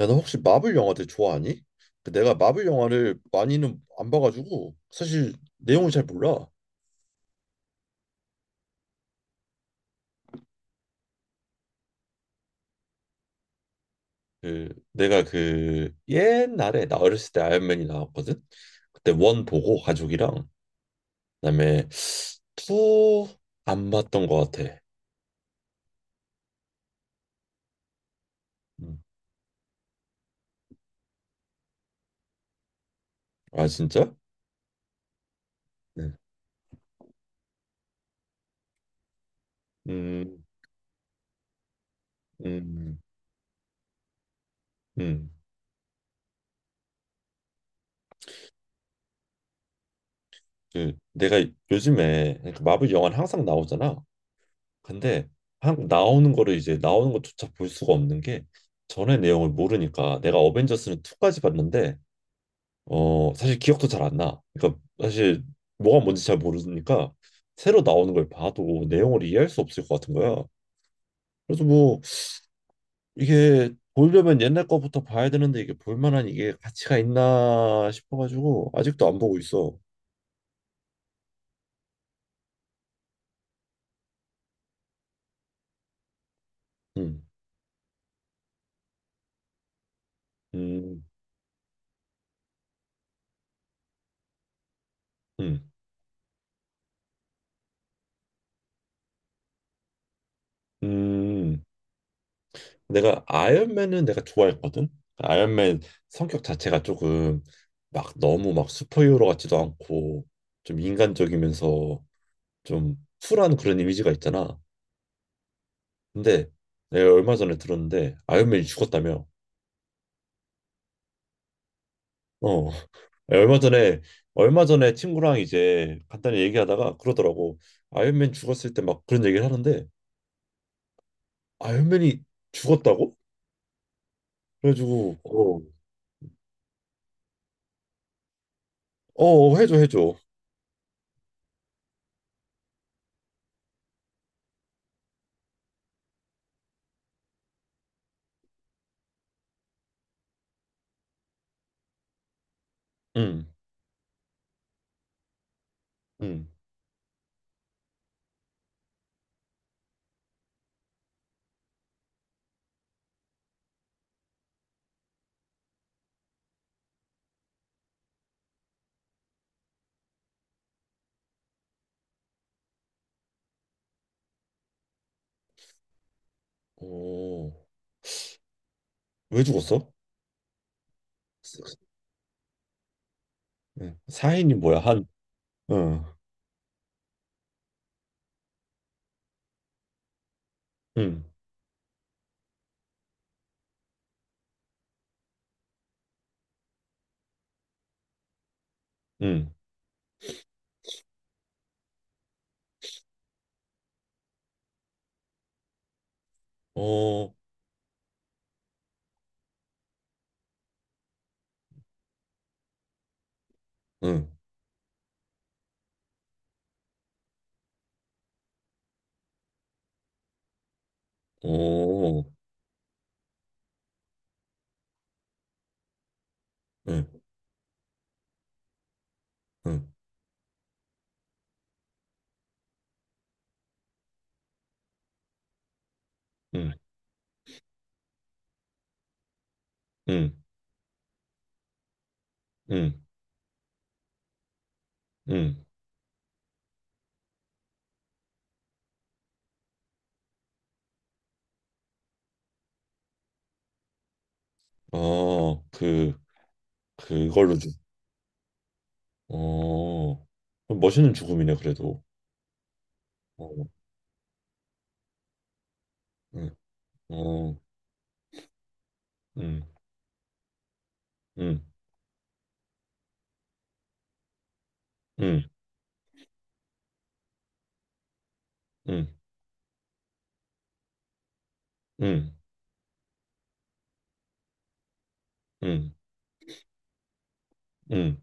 야, 너 혹시 마블 영화들 좋아하니? 그 내가 마블 영화를 많이는 안 봐가지고 사실 내용을 잘 몰라. 그 내가 그 옛날에 나 어렸을 때 아이언맨이 나왔거든. 그때 원 보고 가족이랑 그다음에 투 안 봤던 것 같아. 음. 아 진짜? 네. 음, 음, 음. 그 내가 요즘에 그러니까 마블 영화는 항상 나오잖아. 근데 한국 나오는 거를 이제 나오는 것조차 볼 수가 없는 게 전의 내용을 모르니까 내가 어벤져스는 2까지 봤는데 사실 기억도 잘 안 나. 그러니까 사실 뭐가 뭔지 잘 모르니까 새로 나오는 걸 봐도 내용을 이해할 수 없을 것 같은 거야. 그래서 뭐 이게 보려면 옛날 거부터 봐야 되는데 이게 볼 만한 이게 가치가 있나 싶어가지고 아직도 안 보고 있어. 음, 음, 음, 음. 내가 아이언맨은 내가 좋아했거든. 아이언맨 성격 자체가 조금 막 너무 막 슈퍼히어로 같지도 않고 좀 인간적이면서 좀 쿨한 그런 이미지가 있잖아. 근데 내가 얼마 전에 들었는데 아이언맨이 죽었다며. 어. 얼마 전에 얼마 전에 친구랑 이제 간단히 얘기하다가 그러더라고. 아이언맨 죽었을 때 막 그런 얘기를 하는데 아이언맨이 죽었다고? 그래가지고 어, 어 해줘 해줘. 응, 응. 오. 왜 죽었어? 응. 사인이 뭐야? 한, 응, 응, 응, 어, 응, 오, 응, 응, 응, 응, 응, 응, 어, 그걸로 죽, 어, 그럼 멋있는 죽음이네, 그래도. 어, 응, 어, 응, 응, 응, 응, 응, 응, 응,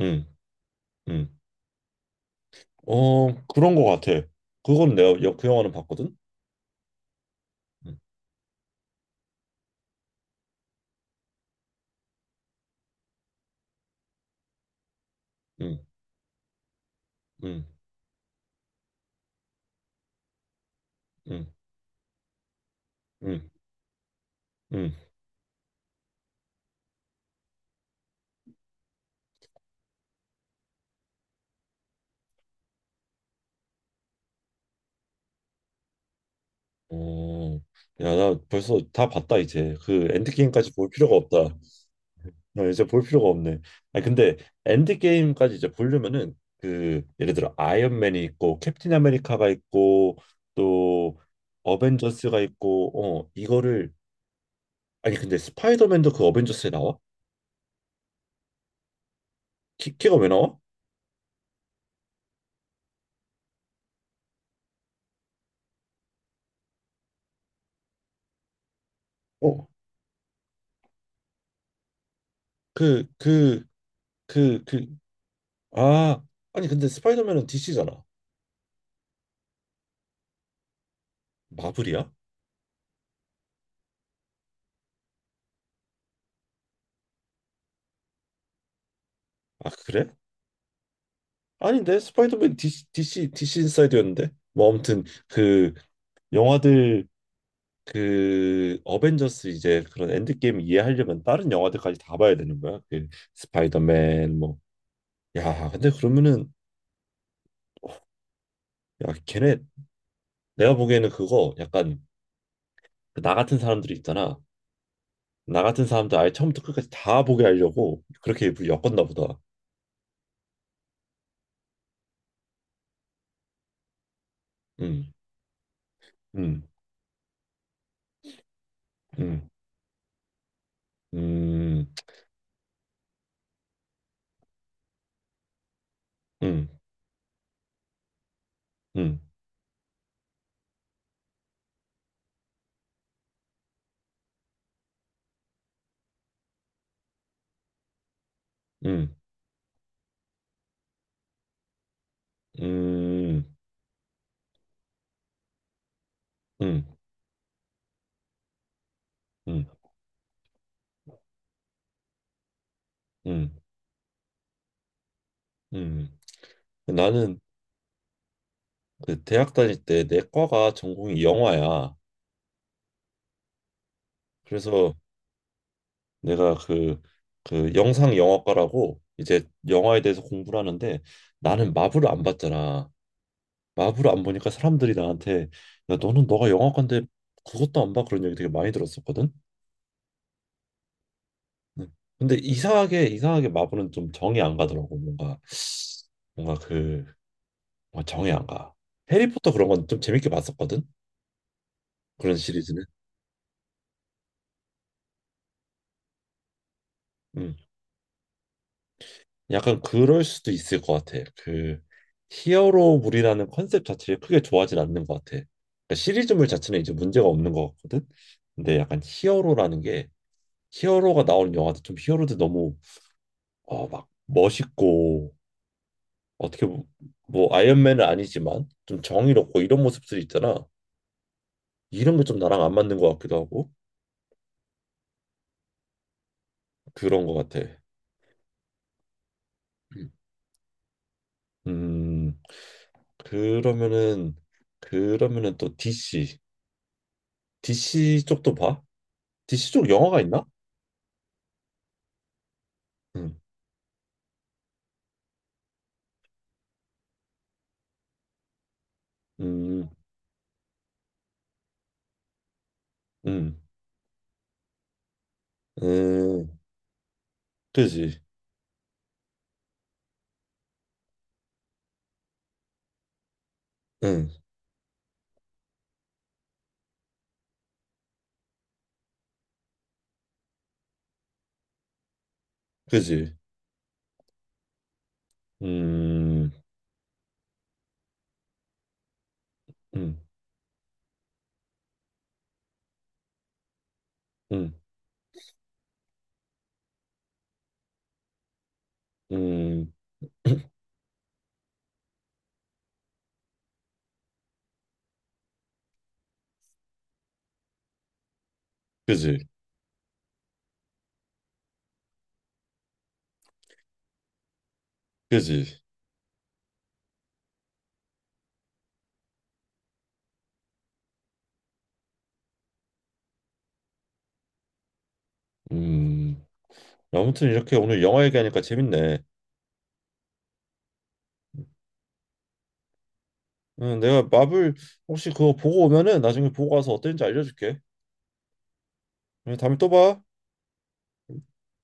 응, 응, 어, 그런 거 같아. 그건 내가 그 영화는 봤거든? 응, 응, 응, 응, 응, 응. 어, 야, 나 벌써 다 봤다 이제. 그 엔드게임까지 볼 필요가 없다. 나 이제 볼 필요가 없네. 아니 근데 엔드게임까지 이제 보려면은 그 예를 들어 아이언맨이 있고 캡틴 아메리카가 있고 또 어벤져스가 있고 이거를 아니 근데 스파이더맨도 그 어벤져스에 나와? 키가 왜 나와? 어, 그 그 그 아 아니 근데 스파이더맨은 DC잖아. 마블이야? 아 그래? 아닌데 스파이더맨 DC 디 c 인사이드였는데 뭐 아무튼 그 영화들 그 어벤져스 이제 그런 엔드게임 이해하려면 다른 영화들까지 다 봐야 되는 거야 그 스파이더맨 뭐 야 근데 그러면은 야 걔네 내가 보기에는 그거 약간 그나 같은 사람들이 있잖아 나 같은 사람들 아예 처음부터 끝까지 다 보게 하려고 그렇게 일부러 엮었나 보다 음 음, 음, 음, 음, 음, 음, 음, 음, 음, 음, 음. 나는 그 대학 다닐 때 내 과가 전공이 영화야. 그래서 내가 그 영상 영화과라고 이제 영화에 대해서 공부를 하는데 나는 마블을 안 봤잖아. 마블을 안 보니까 사람들이 나한테 야 너는 너가 영화과인데 그것도 안 봐? 그런 얘기 되게 많이 들었었거든. 응. 근데 이상하게 이상하게 마블은 좀 정이 안 가더라고. 뭔가 그 뭔가 정이 안 가. 해리포터 그런 건 좀 재밌게 봤었거든. 그런 시리즈는. 응. 약간 그럴 수도 있을 것 같아. 그 히어로물이라는 컨셉 자체를 크게 좋아하진 않는 것 같아. 그러니까 시리즈물 자체는 이제 문제가 없는 것 같거든. 근데 약간 히어로라는 게 히어로가 나오는 영화도 좀 히어로들 너무 막 멋있고 어떻게 보- 뭐 아이언맨은 아니지만 좀 정의롭고 이런 모습들이 있잖아. 이런 게 좀 나랑 안 맞는 것 같기도 하고 그런 것 같아. 음 그러면은 그러면은 또 DC DC 쪽도 봐? DC 쪽 영화가 있나? 응, 음, 음, 음, 그지, 응, 그지, 음, 음, 음, 음, 그지, 그지, 음. 아무튼 이렇게 오늘 영화 얘기하니까 재밌네. 응, 내가 마블 혹시 그거 보고 오면은 나중에 보고 와서 어땠는지 알려줄게. 응, 다음에 또 봐.